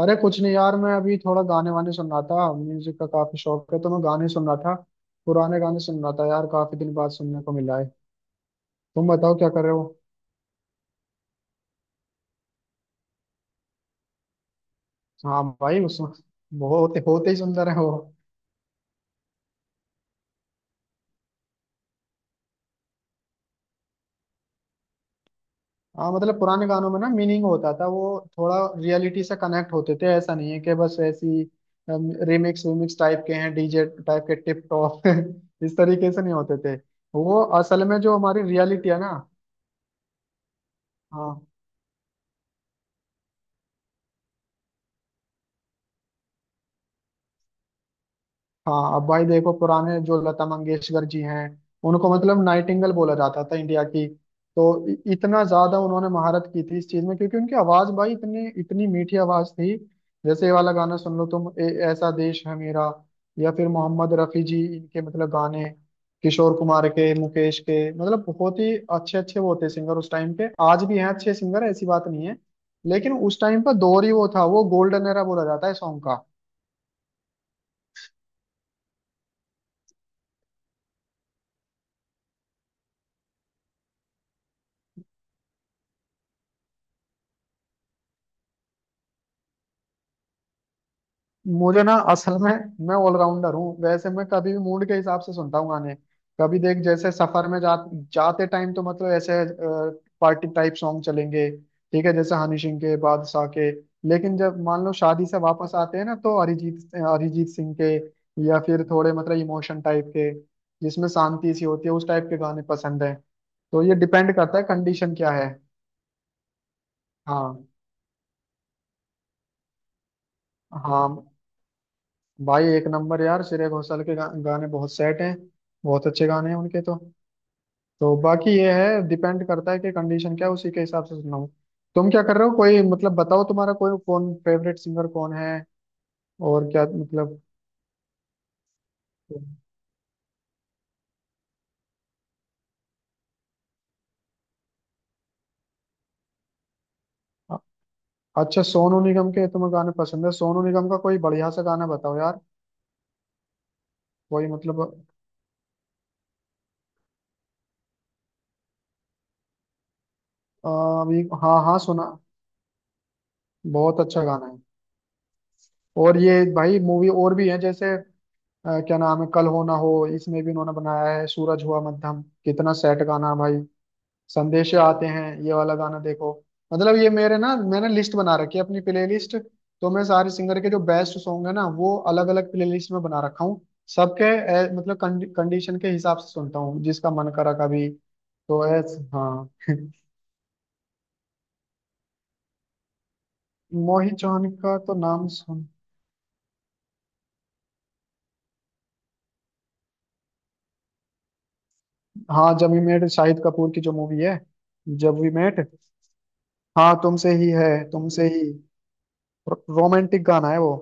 अरे कुछ नहीं यार। मैं अभी थोड़ा गाने वाने सुन रहा था, म्यूजिक का काफी शौक है तो मैं गाने सुन रहा था। पुराने गाने सुन रहा था यार, काफी दिन बाद सुनने को मिला है। तुम बताओ क्या कर रहे हो? हाँ भाई, उसमें वो होते होते ही सुंदर है वो। हाँ, मतलब पुराने गानों में ना मीनिंग होता था, वो थोड़ा रियलिटी से कनेक्ट होते थे। ऐसा नहीं है कि बस ऐसी रिमिक्स विमिक्स टाइप के हैं, डीजे टाइप के, टिप टॉप इस तरीके से नहीं होते थे। वो असल में जो हमारी रियलिटी है ना। हाँ हाँ। अब भाई देखो, पुराने जो लता मंगेशकर जी हैं, उनको मतलब नाइटिंगेल बोला जाता था इंडिया की। तो इतना ज्यादा उन्होंने महारत की थी इस चीज में, क्योंकि उनकी आवाज भाई इतनी इतनी मीठी आवाज थी। जैसे ये वाला गाना सुन लो तुम, ऐसा देश है मेरा। या फिर मोहम्मद रफी जी, इनके मतलब गाने, किशोर कुमार के, मुकेश के, मतलब बहुत ही अच्छे अच्छे वो थे सिंगर उस टाइम के। आज भी हैं अच्छे सिंगर, ऐसी बात नहीं है। लेकिन उस टाइम का दौर ही वो था, वो गोल्डन एरा बोला जाता है सॉन्ग का। मुझे ना असल में, मैं ऑलराउंडर हूँ वैसे, मैं कभी भी मूड के हिसाब से सुनता हूँ गाने। कभी देख, जैसे सफर में जाते टाइम तो मतलब ऐसे पार्टी टाइप सॉन्ग चलेंगे। ठीक है, जैसे हनी सिंह के, बादशाह के। लेकिन जब मान लो शादी से वापस आते हैं ना, तो अरिजीत अरिजीत सिंह के। या फिर थोड़े मतलब इमोशन टाइप के, जिसमें शांति सी होती है, उस टाइप के गाने पसंद है। तो ये डिपेंड करता है कंडीशन क्या है। हाँ। हाँ भाई, एक नंबर यार, श्रेया घोषाल के गाने बहुत सेट हैं। बहुत अच्छे गाने हैं उनके तो। तो बाकी ये है, डिपेंड करता है कि कंडीशन क्या है, उसी के हिसाब से सुनना हो। तुम क्या कर रहे हो? कोई मतलब बताओ, तुम्हारा कोई कौन फेवरेट सिंगर कौन है, और क्या मतलब। अ- अच्छा, सोनू निगम के तुम्हें गाने पसंद है। सोनू निगम का कोई बढ़िया सा गाना बताओ यार। कोई मतलब, अभी हाँ हाँ सुना। बहुत अच्छा गाना है। और ये भाई, मूवी और भी है जैसे, क्या नाम है कल हो ना हो। इसमें भी इन्होंने बनाया है सूरज हुआ मध्यम, कितना सेट गाना है भाई। संदेश आते हैं ये वाला गाना, देखो मतलब ये मेरे ना, मैंने लिस्ट बना रखी है अपनी प्लेलिस्ट। तो मैं सारे सिंगर के जो बेस्ट सॉन्ग है ना, वो अलग अलग प्लेलिस्ट में बना रखा हूँ। सबके मतलब कंडीशन के हिसाब से सुनता हूँ, जिसका मन करा कभी, तो ऐस हाँ मोहित चौहान का तो नाम सुन। हाँ, जब वी मेट शाहिद कपूर की जो मूवी है, जब वी मेट। हाँ तुमसे ही है तुमसे ही। रोमांटिक गाना है वो।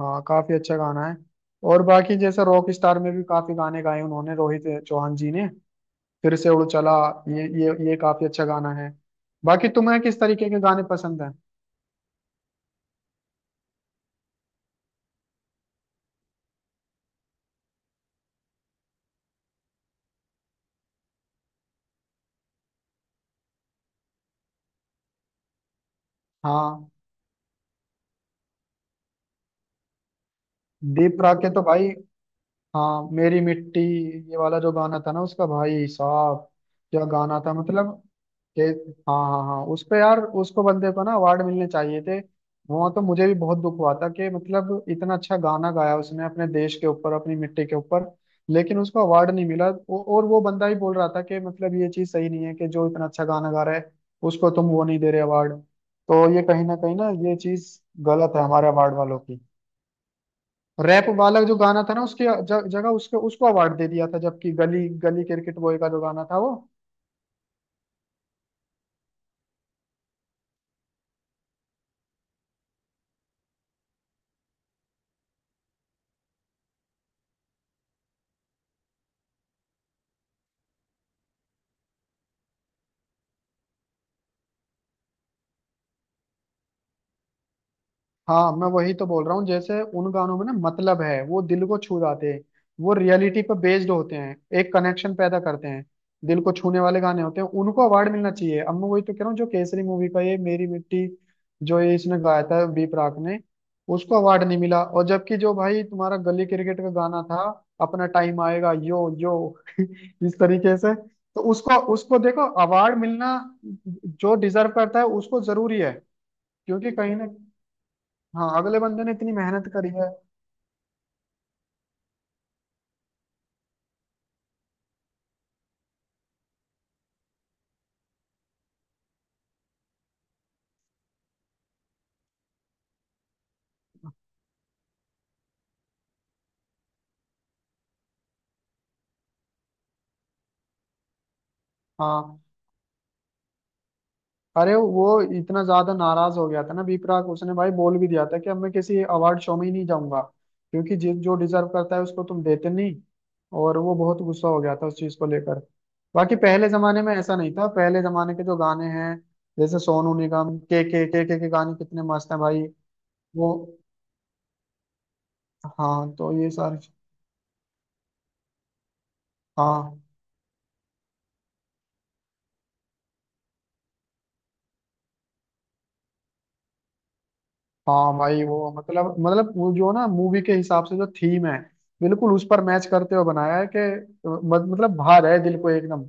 हाँ काफी अच्छा गाना है। और बाकी जैसे रॉक स्टार में भी काफी गाने गाए उन्होंने, रोहित चौहान जी ने। फिर से उड़ चला, ये काफी अच्छा गाना है। बाकी तुम्हें किस तरीके के गाने पसंद हैं? हाँ दीप राग के तो भाई, हाँ मेरी मिट्टी, ये वाला जो गाना था ना उसका भाई साहब, क्या गाना था मतलब कि। हाँ, हाँ, हाँ, उस पे यार, उसको बंदे को ना अवार्ड मिलने चाहिए थे। वहां तो मुझे भी बहुत दुख हुआ था कि मतलब इतना अच्छा गाना गाया उसने, अपने देश के ऊपर, अपनी मिट्टी के ऊपर। लेकिन उसको अवार्ड नहीं मिला। और वो बंदा ही बोल रहा था कि मतलब ये चीज सही नहीं है कि जो इतना अच्छा गाना गा रहा है, उसको तुम वो नहीं दे रहे अवार्ड। तो ये कहीं ना कहीं ना, ये चीज गलत है हमारे अवार्ड वालों की। रैप वाला जो गाना था ना, उसकी जगह उसके उसको अवार्ड दे दिया था, जबकि गली गली क्रिकेट बॉय का जो गाना था वो। हाँ, मैं वही तो बोल रहा हूँ, जैसे उन गानों में ना मतलब है, वो दिल को छू जाते हैं। वो रियलिटी पर बेस्ड होते हैं, एक कनेक्शन पैदा करते हैं, दिल को छूने वाले गाने होते हैं, उनको अवार्ड मिलना चाहिए। अब मैं वही तो कह रहा हूँ, जो केसरी मूवी का ये मेरी मिट्टी, जो ये इसने गाया था बी प्राक ने। उसको अवार्ड नहीं मिला, और जबकि जो भाई तुम्हारा गली क्रिकेट का गाना था, अपना टाइम आएगा, यो यो इस तरीके से। तो उसको उसको देखो, अवार्ड मिलना जो डिजर्व करता है उसको जरूरी है। क्योंकि कहीं ना, हाँ, अगले बंदे ने इतनी मेहनत करी है। हाँ, अरे वो, इतना ज्यादा नाराज हो गया था ना विपराग, उसने भाई बोल भी दिया था कि अब मैं किसी अवार्ड शो में ही नहीं जाऊंगा। क्योंकि जिस जो डिजर्व करता है उसको तुम देते नहीं। और वो बहुत गुस्सा हो गया था उस चीज को लेकर। बाकी पहले जमाने में ऐसा नहीं था, पहले जमाने के जो गाने हैं, जैसे सोनू निगम के गाने कितने मस्त हैं भाई। वो, हाँ तो ये सारे। हाँ हाँ, भाई वो मतलब वो जो ना मूवी के हिसाब से जो थीम है, बिल्कुल उस पर मैच करते हुए बनाया है कि मतलब भा रहा है दिल को एकदम।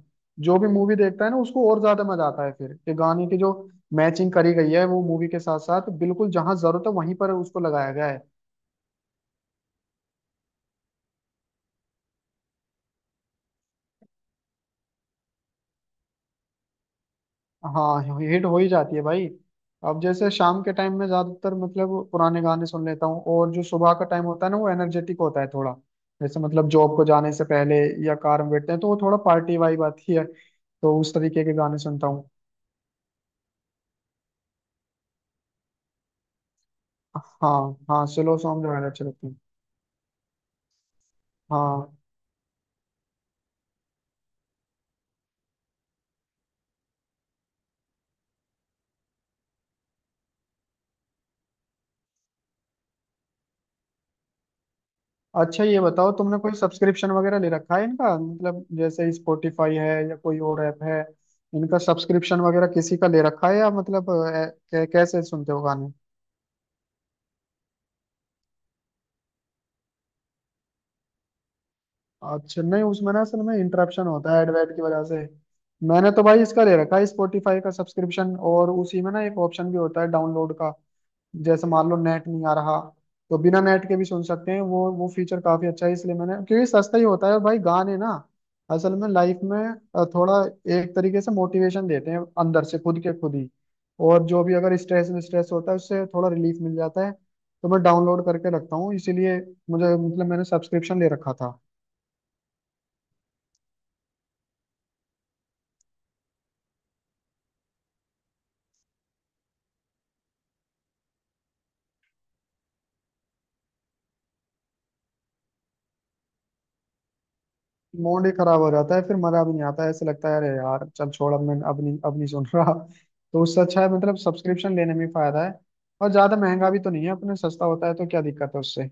जो भी मूवी देखता है ना उसको और ज्यादा मजा आता है, फिर कि गाने की जो मैचिंग करी गई है, वो मूवी के साथ साथ बिल्कुल जहां जरूरत है वहीं पर उसको लगाया गया है। हाँ हिट हो ही जाती है भाई। अब जैसे शाम के टाइम में ज्यादातर मतलब पुराने गाने सुन लेता हूँ, और जो सुबह का टाइम होता है ना, वो एनर्जेटिक होता है थोड़ा। जैसे मतलब जॉब को जाने से पहले, या कार में बैठते हैं तो वो थोड़ा पार्टी वाइब आती है, तो उस तरीके के गाने सुनता हूँ। हाँ हाँ, स्लो सॉन्ग जो है अच्छे लगते हैं। हाँ। अच्छा ये बताओ, तुमने कोई सब्सक्रिप्शन वगैरह ले रखा है इनका मतलब, जैसे स्पॉटिफाई है या कोई और ऐप है। इनका सब्सक्रिप्शन वगैरह किसी का ले रखा है, या मतलब कैसे सुनते हो गाने। अच्छा नहीं, उसमें ना असल में इंटरप्शन होता है एडवेट की वजह से। मैंने तो भाई इसका ले रखा है, स्पॉटिफाई का सब्सक्रिप्शन, और उसी में ना एक ऑप्शन भी होता है डाउनलोड का। जैसे मान लो नेट नहीं आ रहा, तो बिना नेट के भी सुन सकते हैं, वो फीचर काफी अच्छा है, इसलिए मैंने, क्योंकि सस्ता ही होता है। और भाई गाने ना असल में लाइफ में थोड़ा एक तरीके से मोटिवेशन देते हैं अंदर से खुद के खुद ही। और जो भी अगर स्ट्रेस स्ट्रेस होता है, उससे थोड़ा रिलीफ मिल जाता है। तो मैं डाउनलोड करके रखता हूँ इसीलिए, मुझे मतलब मैंने सब्सक्रिप्शन ले रखा था। मूड ही खराब हो जाता है, फिर मजा भी नहीं आता है, ऐसे लगता है अरे यार चल छोड़, अब मैं अब नहीं सुन रहा। तो उससे अच्छा है, मतलब सब्सक्रिप्शन लेने में फायदा है। और ज्यादा महंगा भी तो नहीं है अपने, सस्ता होता है, तो क्या दिक्कत है उससे।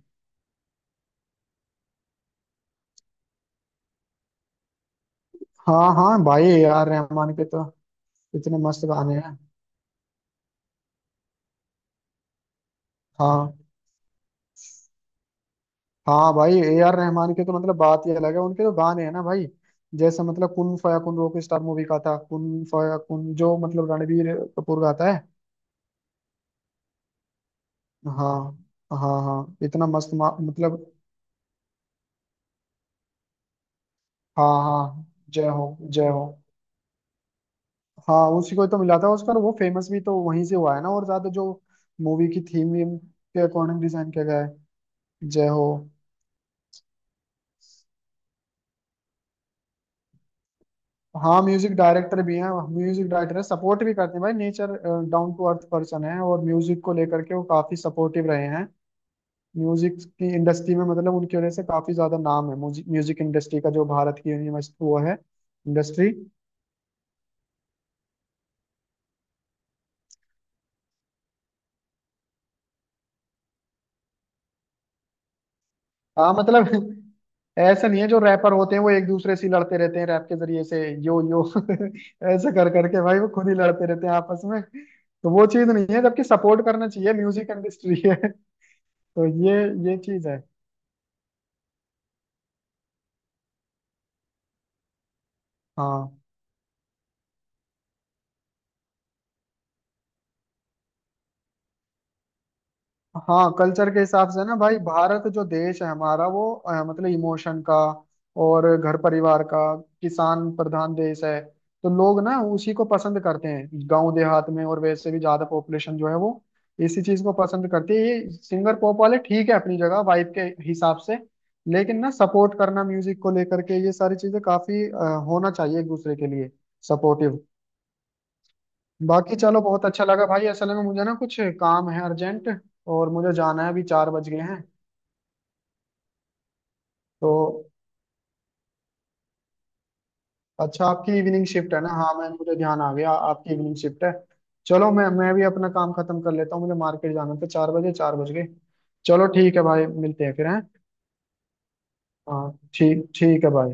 हाँ हाँ, भाई ए आर रहमान के तो इतने मस्त गाने हैं। हाँ हाँ, भाई ए आर रहमान के तो मतलब बात ही अलग है, उनके तो गाने हैं ना भाई। जैसे मतलब Kun Faya Kun, Rockstar movie का था, कुन फया कुन जो मतलब रणबीर कपूर गाता है। हाँ हाँ हाँ, इतना मस्त मतलब। हाँ हाँ, जय हो जय हो। हाँ उसी को तो मिला था ऑस्कर, वो फेमस भी तो वहीं से हुआ है ना और ज्यादा, जो मूवी की थीम के अकॉर्डिंग डिजाइन किया गया है, जय हो। हाँ म्यूजिक डायरेक्टर भी हैं। म्यूजिक डायरेक्टर है, सपोर्ट भी करते हैं भाई, nature down to earth person है, और म्यूजिक को लेकर के वो काफी सपोर्टिव रहे हैं। म्यूजिक की इंडस्ट्री में मतलब उनकी वजह से काफी ज्यादा नाम है म्यूजिक इंडस्ट्री का, जो भारत की यूनिवर्सिटी वो है इंडस्ट्री। हाँ मतलब, ऐसा नहीं है, जो रैपर होते हैं वो एक दूसरे से ही लड़ते रहते हैं रैप के जरिए से, यो यो ऐसे कर करके भाई, वो खुद ही लड़ते रहते हैं आपस में, तो वो चीज नहीं है, जबकि सपोर्ट करना चाहिए, म्यूजिक इंडस्ट्री है तो ये चीज है। हाँ हाँ, कल्चर के हिसाब से ना भाई, भारत जो देश है हमारा वो मतलब इमोशन का और घर परिवार का, किसान प्रधान देश है। तो लोग ना उसी को पसंद करते हैं गांव देहात में, और वैसे भी ज्यादा पॉपुलेशन जो है वो इसी चीज को पसंद करती है। ये सिंगर पॉप वाले ठीक है अपनी जगह वाइब के हिसाब से। लेकिन ना सपोर्ट करना म्यूजिक को लेकर के ये सारी चीजें काफी होना चाहिए एक दूसरे के लिए सपोर्टिव। बाकी चलो, बहुत अच्छा लगा भाई, असल में मुझे ना कुछ काम है अर्जेंट, और मुझे जाना है, अभी 4 बज गए हैं। तो अच्छा, आपकी इवनिंग शिफ्ट है ना, हाँ मैं मुझे ध्यान आ गया, आपकी इवनिंग शिफ्ट है। चलो, मैं भी अपना काम खत्म कर लेता हूँ, मुझे मार्केट जाना था, 4 बजे 4 बज गए। चलो ठीक है भाई, मिलते हैं फिर हैं। हाँ ठीक ठीक है भाई।